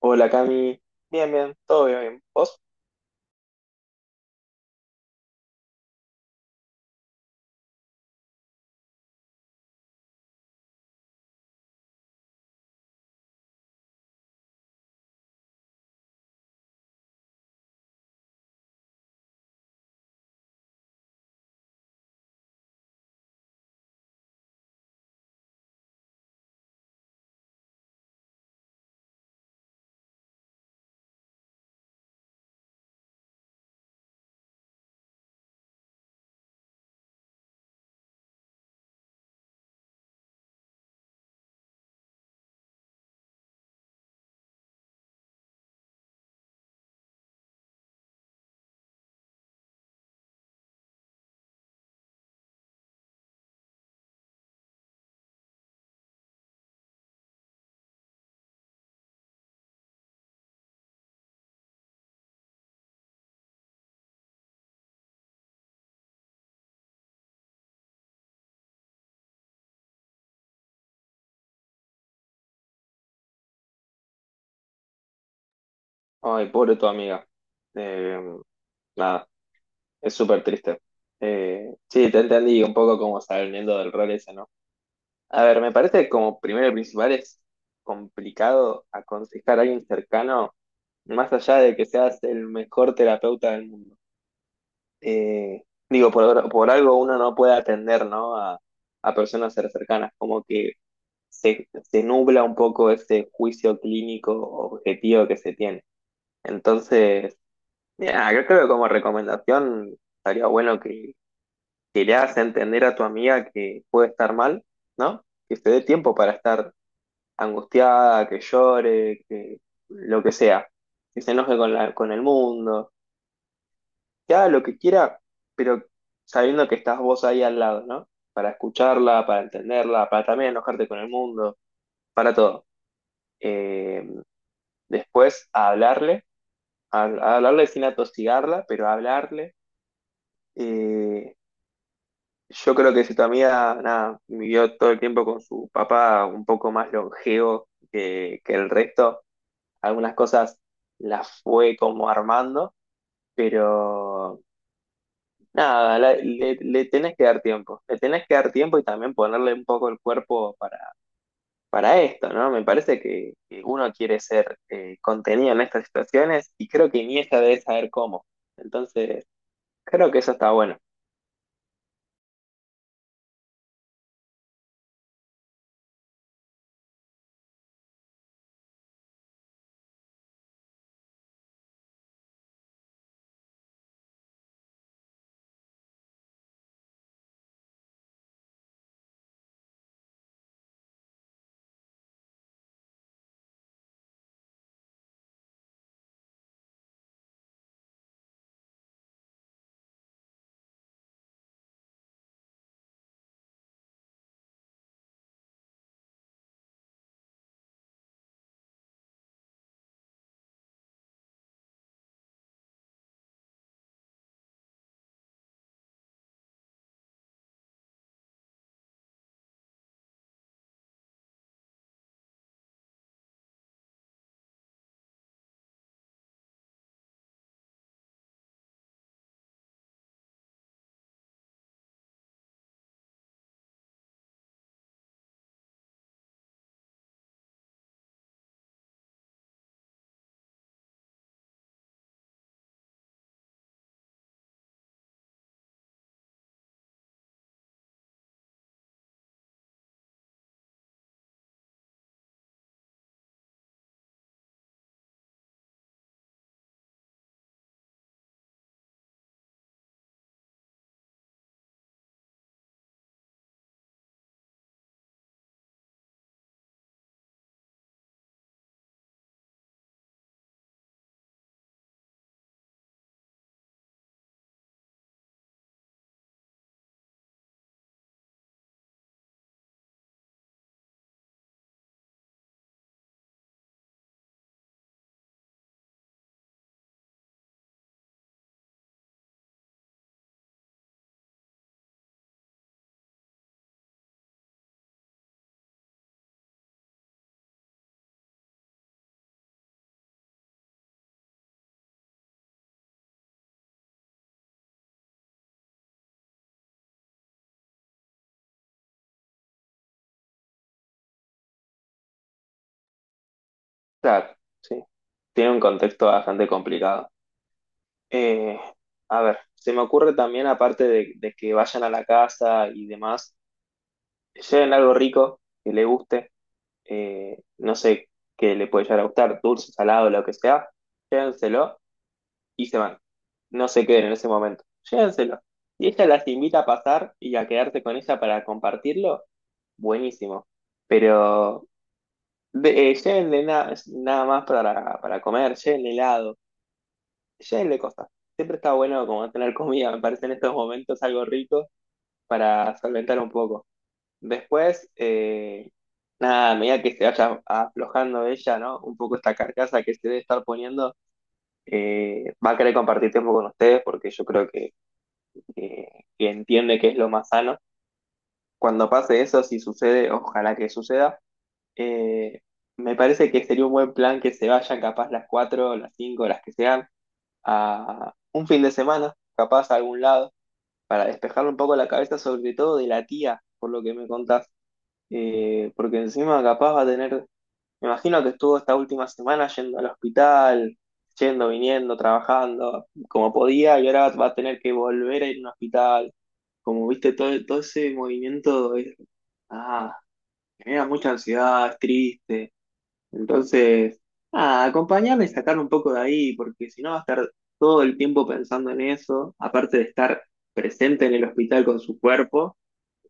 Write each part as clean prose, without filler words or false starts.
Hola Cami, bien, bien, todo bien, bien. ¿Vos? Ay, pobre tu amiga. Eh, Nada, es súper triste. Sí, te entendí un poco como saliendo del rol ese, ¿no? A ver, me parece que como primero y principal es complicado aconsejar a alguien cercano, más allá de que seas el mejor terapeuta del mundo. Eh, Digo, por algo uno no puede atender, ¿no? A personas cercanas, como que se nubla un poco ese juicio clínico objetivo que se tiene. Entonces, ya, yo creo que como recomendación estaría bueno que le hagas entender a tu amiga que puede estar mal, ¿no? Que se dé tiempo para estar angustiada, que llore, que lo que sea, que se enoje con con el mundo, que haga lo que quiera, pero sabiendo que estás vos ahí al lado, ¿no? Para escucharla, para entenderla, para también enojarte con el mundo, para todo. Eh, Después, a hablarle, a hablarle sin atosigarla, pero a hablarle Eh, yo creo que si tu amiga, nada, vivió todo el tiempo con su papá un poco más longevo que el resto, algunas cosas las fue como armando, pero nada, le tenés que dar tiempo, le tenés que dar tiempo y también ponerle un poco el cuerpo para esto, ¿no? Me parece que uno quiere ser contenido en estas situaciones y creo que Iniesta debe saber cómo. Entonces, creo que eso está bueno. Claro, sí, tiene un contexto bastante complicado. Eh, a ver, se me ocurre también, aparte de que vayan a la casa y demás, lleven algo rico que le guste, no sé qué le puede llegar a gustar, dulce, salado, lo que sea, llévenselo y se van. No se queden en ese momento, llévenselo. Y ella las invita a pasar y a quedarse con ella para compartirlo, buenísimo. Pero llévenle nada más para comer, llévenle helado le cosas Siempre está bueno como tener comida, me parece en estos momentos algo rico para solventar un poco. Después, nada, a medida que se vaya aflojando ella, ¿no? Un poco esta carcasa que se debe estar poniendo, va a querer compartir tiempo con ustedes porque yo creo que entiende que es lo más sano. Cuando pase eso, si sucede, ojalá que suceda, eh, me parece que sería un buen plan que se vayan capaz las 4 las 5 las que sean, a un fin de semana, capaz a algún lado para despejarme un poco la cabeza, sobre todo de la tía, por lo que me contás. Porque encima capaz va a tener, me imagino que estuvo esta última semana yendo al hospital, yendo, viniendo, trabajando como podía, y ahora va a tener que volver a ir a un hospital. Como viste, todo, todo ese movimiento ah, genera mucha ansiedad, es triste. Entonces, acompañarme y sacar un poco de ahí, porque si no va a estar todo el tiempo pensando en eso, aparte de estar presente en el hospital con su cuerpo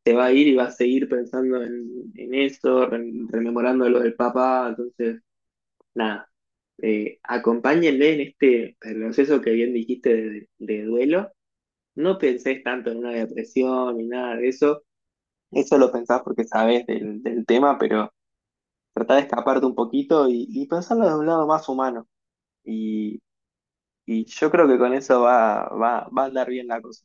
se va a ir y va a seguir pensando en eso, rememorando lo del papá, entonces, nada, acompáñenle en este proceso que bien dijiste de duelo, no pensés tanto en una depresión ni nada de eso, eso lo pensás porque sabés del, del tema, pero tratá de escaparte un poquito y pensarlo de un lado más humano, y, y yo creo que con eso va a andar bien la cosa.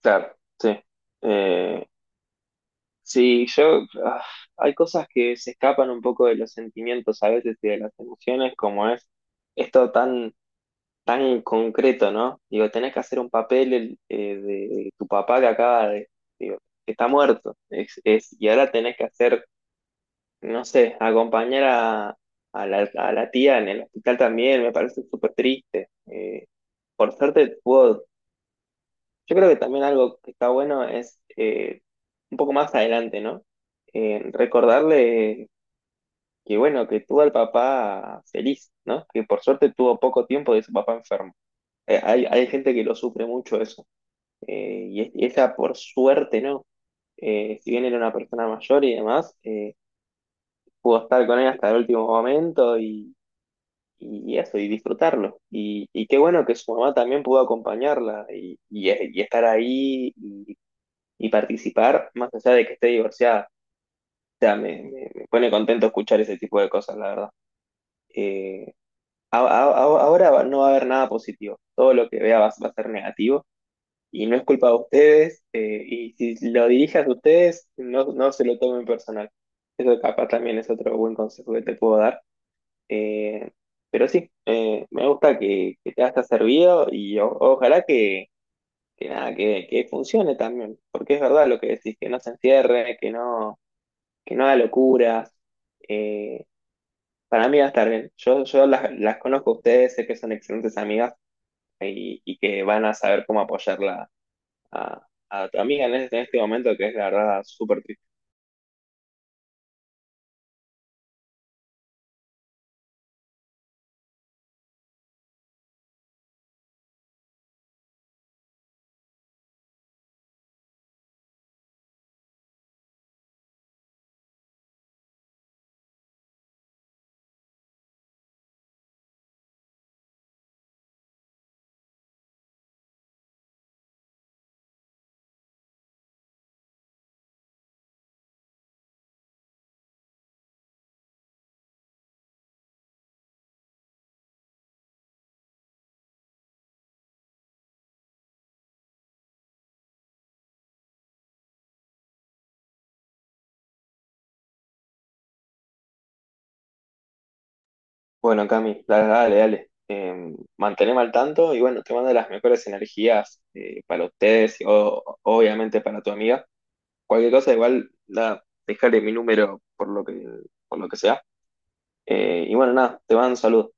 Claro, sí. Eh, Sí, yo, hay cosas que se escapan un poco de los sentimientos a veces y de las emociones, como es esto tan, tan concreto, ¿no? Digo, tenés que hacer un papel de tu papá que acaba de, digo, que está muerto, es, y ahora tenés que hacer, no sé, acompañar a, a la tía en el hospital también, me parece súper triste. Por suerte puedo yo creo que también algo que está bueno es un poco más adelante, ¿no? Recordarle que, bueno, que tuvo al papá feliz, ¿no? Que por suerte tuvo poco tiempo de su papá enfermo. Hay gente que lo sufre mucho eso. Y ella, por suerte, ¿no? Si bien era una persona mayor y demás, pudo estar con él hasta el último momento y eso, y disfrutarlo. Y qué bueno que su mamá también pudo acompañarla y estar ahí y participar, más allá de que esté divorciada. O sea, me pone contento escuchar ese tipo de cosas, la verdad. Eh, Ahora no va a haber nada positivo. Todo lo que vea va, va a ser negativo. Y no es culpa de ustedes. Y si lo dirigen ustedes, no, no se lo tomen personal. Eso capaz también es otro buen consejo que te puedo dar. Eh, pero sí, me gusta que te haya servido y ojalá que nada, que funcione también. Porque es verdad lo que decís, que no se encierre, que no haga locuras. eh, para mí va a estar bien. Yo las conozco a ustedes, sé que son excelentes amigas y que van a saber cómo apoyarla a tu amiga en este momento, que es la verdad súper triste. Bueno, Cami, dale, dale, dale. Manteneme al tanto y bueno, te mando las mejores energías para ustedes y obviamente para tu amiga. Cualquier cosa, igual, nada, dejarle mi número por lo que sea. Y bueno, nada, te mando un saludo.